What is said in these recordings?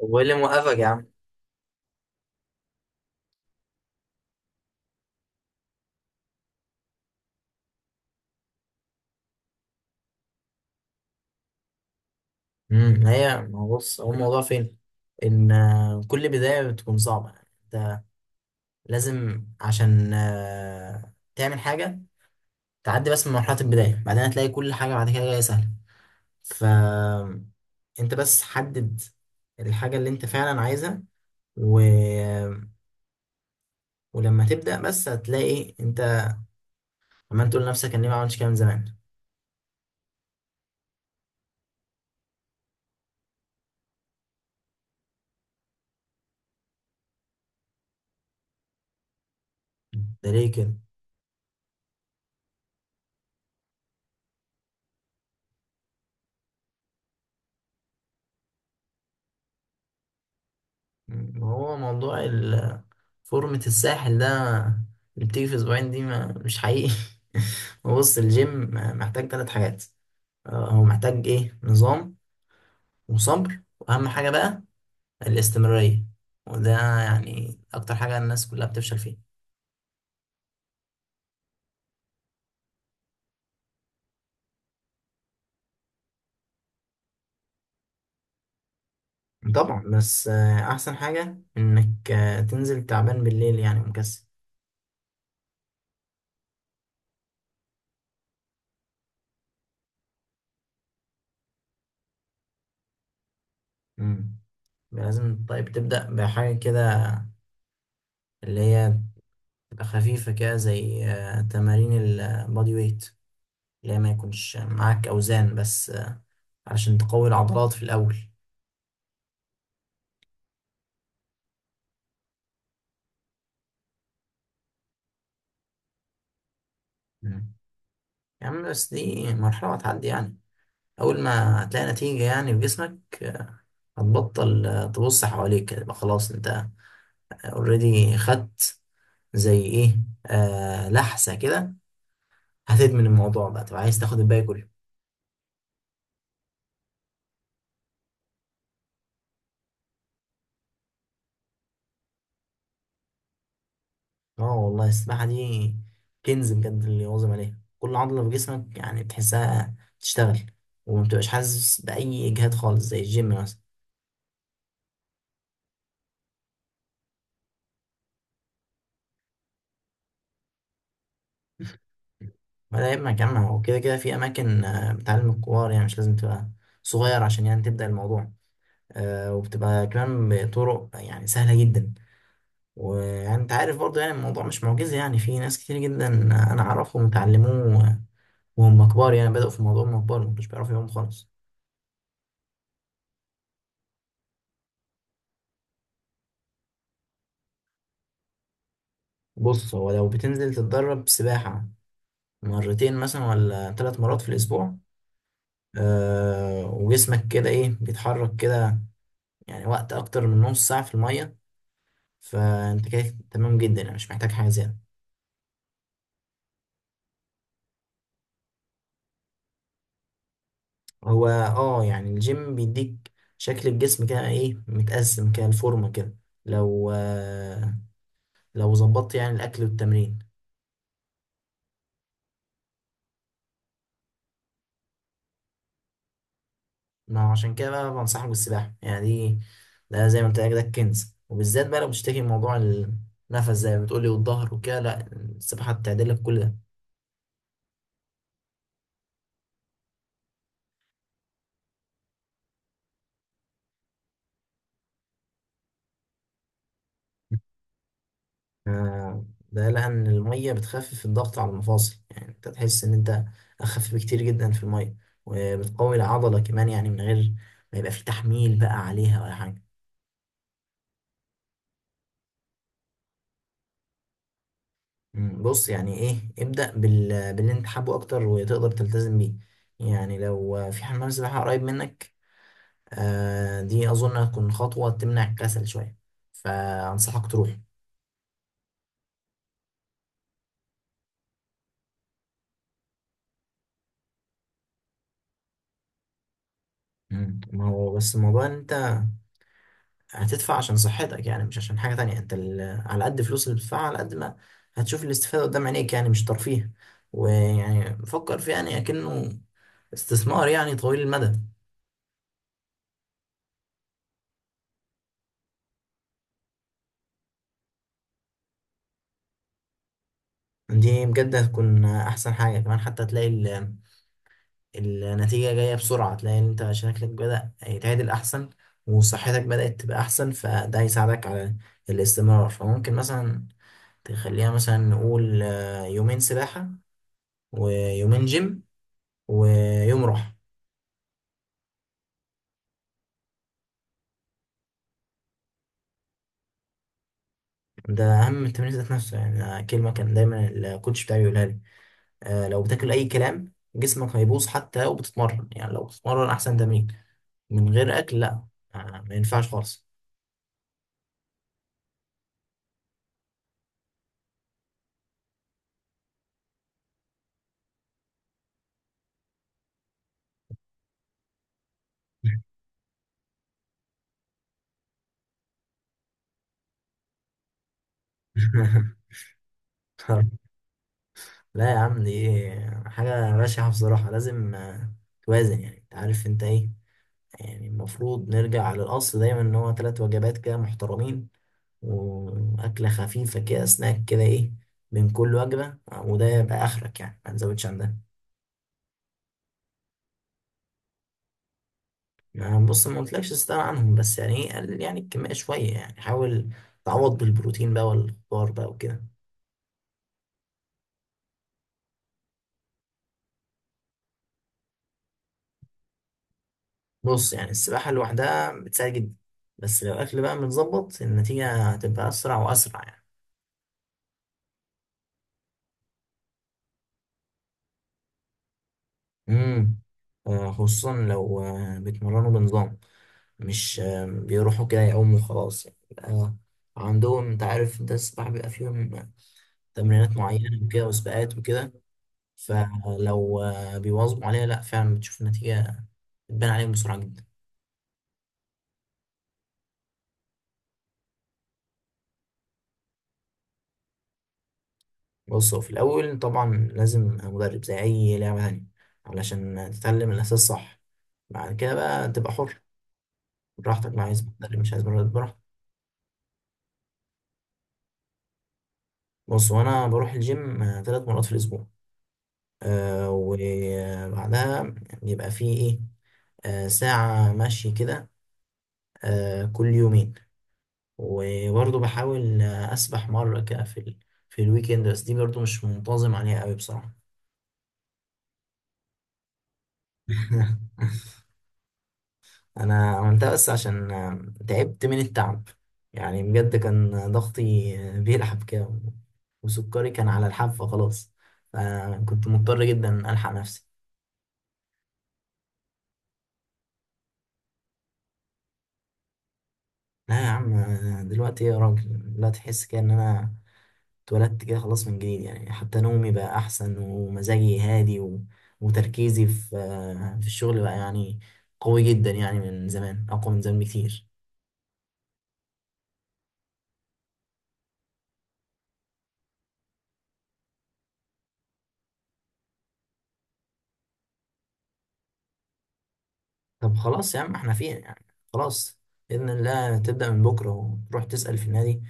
طب، وايه اللي موقفك يا عم؟ هي ما هو بص، هو الموضوع فين؟ ان كل بدايه بتكون صعبه، يعني. انت لازم عشان تعمل حاجه، تعدي بس من مرحله البدايه، بعدين هتلاقي كل حاجه بعد كده جايه سهله. ف، انت بس حدد الحاجه اللي انت فعلا عايزها، و... ولما تبدا بس هتلاقي انت عمال تقول لنفسك، انا ليه ما عملتش كده من زمان؟ ده ليه كده؟ ما هو موضوع فورمة الساحل ده اللي بتيجي في اسبوعين دي، ما مش حقيقي. هو بص، الجيم محتاج ثلاث حاجات. هو محتاج، ايه، نظام وصبر. واهم حاجة بقى الاستمرارية، وده يعني اكتر حاجة الناس كلها بتفشل فيها. طبعا، بس احسن حاجة انك تنزل تعبان بالليل، يعني مكسل. مم. لازم طيب تبدأ بحاجة كده اللي هي تبقى خفيفة كده، زي تمارين البادي ويت، اللي هي ما يكونش معاك أوزان، بس علشان تقوي العضلات في الأول. مم. يا عم، بس دي مرحلة هتعدي يعني. أول ما هتلاقي نتيجة يعني في جسمك، هتبطل تبص حواليك، يبقى خلاص أنت اوريدي خدت زي إيه، آه، لحسة كده. هتدمن الموضوع بقى، تبقى عايز تاخد الباقي كله. اه والله، السباحة دي كنز بجد. اللي يواظب عليها، كل عضلة في جسمك يعني بتحسها تشتغل، وما بتبقاش حاسس بأي إجهاد خالص زي الجيم مثلا. ما ده يبقى جامعة، وكده كده في أماكن بتعلم الكبار، يعني مش لازم تبقى صغير عشان يعني تبدأ الموضوع. وبتبقى كمان بطرق يعني سهلة جدا. ويعني أنت عارف برضه، يعني الموضوع مش معجزة، يعني في ناس كتير جدا أنا أعرفهم اتعلموه وهم كبار، يعني بدأوا في الموضوع وهم كبار، ما كانوش بيعرفوا يقوموا خالص. بص، هو لو بتنزل تتدرب سباحة مرتين مثلا ولا ثلاث مرات في الأسبوع، وجسمك كده، إيه، بيتحرك كده يعني وقت أكتر من نص ساعة في المية، فانت كده تمام جدا، يعني مش محتاج حاجه زياده. هو اه، يعني الجيم بيديك شكل الجسم كده، ايه، متقسم كده، الفورمه كده، لو آه لو ظبطت يعني الاكل والتمرين. ما عشان كده بقى بنصحك بالسباحه، يعني دي، ده زي ما انت قايل، ده الكنز. وبالذات بقى لو بتشتكي من موضوع النفس زي ما بتقولي، والظهر وكده، لا، السباحه بتعدل لك كل ده. آه، ده لأن المية بتخفف الضغط على المفاصل، يعني أنت تحس إن أنت أخف بكتير جدا في المية. وبتقوي العضلة كمان يعني، من غير ما يبقى في تحميل بقى عليها ولا حاجة. بص، يعني، إيه، ابدأ باللي أنت حابه أكتر وتقدر تلتزم بيه. يعني لو في حمام سباحة قريب منك، دي أظن هتكون خطوة تمنع الكسل شوية، فأنصحك تروح. ما هو بس الموضوع إن أنت هتدفع عشان صحتك، يعني مش عشان حاجة تانية. انت على قد فلوس اللي بتدفعها، على قد ما هتشوف الاستفادة قدام عينيك، يعني مش ترفيه. ويعني فكر فيه يعني اكنه استثمار، يعني طويل المدى. دي بجد هتكون احسن حاجة كمان، حتى هتلاقي النتيجة جاية بسرعة، تلاقي ان انت شكلك بدأ يتعدل احسن، وصحتك بدأت تبقى احسن، فده هيساعدك على الاستمرار. فممكن مثلا تخليها، مثلا نقول يومين سباحة ويومين جيم ويوم راحة. ده اهم التمرين ذات نفسه، يعني أنا كلمه كان دايما الكوتش بتاعي يقولها لي، آه، لو بتاكل اي كلام جسمك هيبوظ حتى لو بتتمرن. يعني لو بتتمرن احسن تمرين من غير اكل، لا، آه ما ينفعش خالص. لا يا عم، دي حاجه بشعه بصراحه. لازم توازن، يعني انت عارف انت ايه. يعني المفروض نرجع للاصل دايما ان هو ثلاث وجبات كده محترمين، واكله خفيفه كده سناك كده، ايه، بين كل وجبه. وده يبقى اخرك يعني، ما نزودش عن ده. ما بص، ما قلتلكش تستغنى عنهم، بس يعني، ايه، قلل يعني الكمية شوية، يعني حاول تعوض بالبروتين بقى والخضار بقى وكده. بص، يعني السباحة لوحدها بتساعد جدا، بس لو الأكل بقى متظبط النتيجة هتبقى أسرع وأسرع يعني. امم خصوصا لو بيتمرنوا بنظام، مش بيروحوا كده يعوموا وخلاص. يعني بيبقى عندهم، انت عارف انت، السباحة بيبقى فيهم تمرينات معينة وكده وسباقات وكده. فلو بيواظبوا عليها، لا فعلا بتشوف النتيجة بتبان عليهم بسرعة جدا. بص، هو في الأول طبعا لازم مدرب زي أي لعبة تانية علشان تتعلم الأساس صح. بعد كده بقى تبقى حر، براحتك بقى، عايز مدرب، مش عايز مدرب، براحتك. بص، وأنا بروح الجيم ثلاث مرات في الأسبوع، وبعدها بيبقى فيه، إيه، ساعة مشي كده، كل يومين. وبرضه بحاول أسبح مرة كده في الويكند، بس دي برضه مش منتظم عليها قوي بصراحة. انا عملتها بس عشان تعبت من التعب، يعني بجد كان ضغطي بيلعب كده، وسكري كان على الحافة خلاص، فكنت مضطر جدا ألحق نفسي. لا يا عم، دلوقتي يا راجل، لا، تحس كده ان انا اتولدت كده خلاص من جديد، يعني حتى نومي بقى احسن، ومزاجي هادي، وتركيزي في الشغل بقى يعني قوي جدا، يعني من زمان اقوى من زمان بكتير. طب، خلاص يا عم، احنا فين يعني؟ خلاص، بإذن الله تبدأ من بكرة، وتروح تسأل في النادي،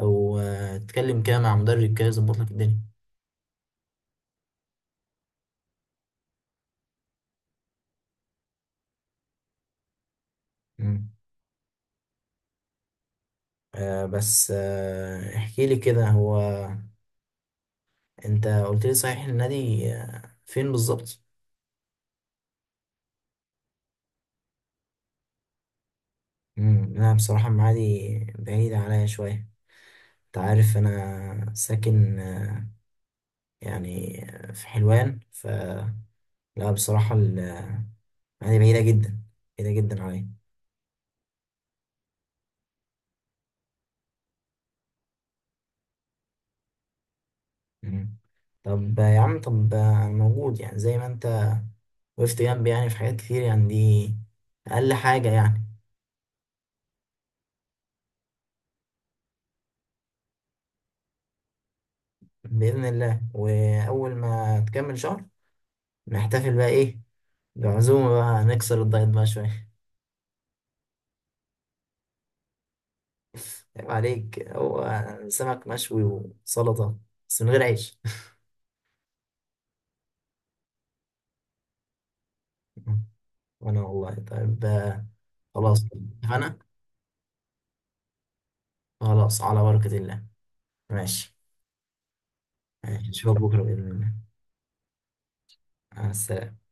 أو تتكلم كده مع مدرب كده يظبط لك الدنيا. مم. بس احكي لي كده، هو أنت قلت لي صحيح، النادي فين بالظبط؟ مم. لا، بصراحة المعادي بعيدة عليا شوية، أنت عارف أنا ساكن يعني في حلوان، فلا بصراحة المعادي بعيدة جدا، بعيدة جدا عليا. مم. طب يا عم، طب انا موجود، يعني زي ما انت وقفت جنبي يعني في حاجات كتير، يعني دي اقل حاجة يعني. بإذن الله، واول ما تكمل شهر نحتفل بقى، ايه، بعزومة بقى، نكسر الدايت بقى شوية. عيب عليك، هو سمك مشوي وسلطة، بس من غير عيش. وانا والله طيب. خلاص، اتفقنا. خلاص، على بركة الله. ماشي. ماشي، نشوفك بكرة بإذن الله. مع السلامة.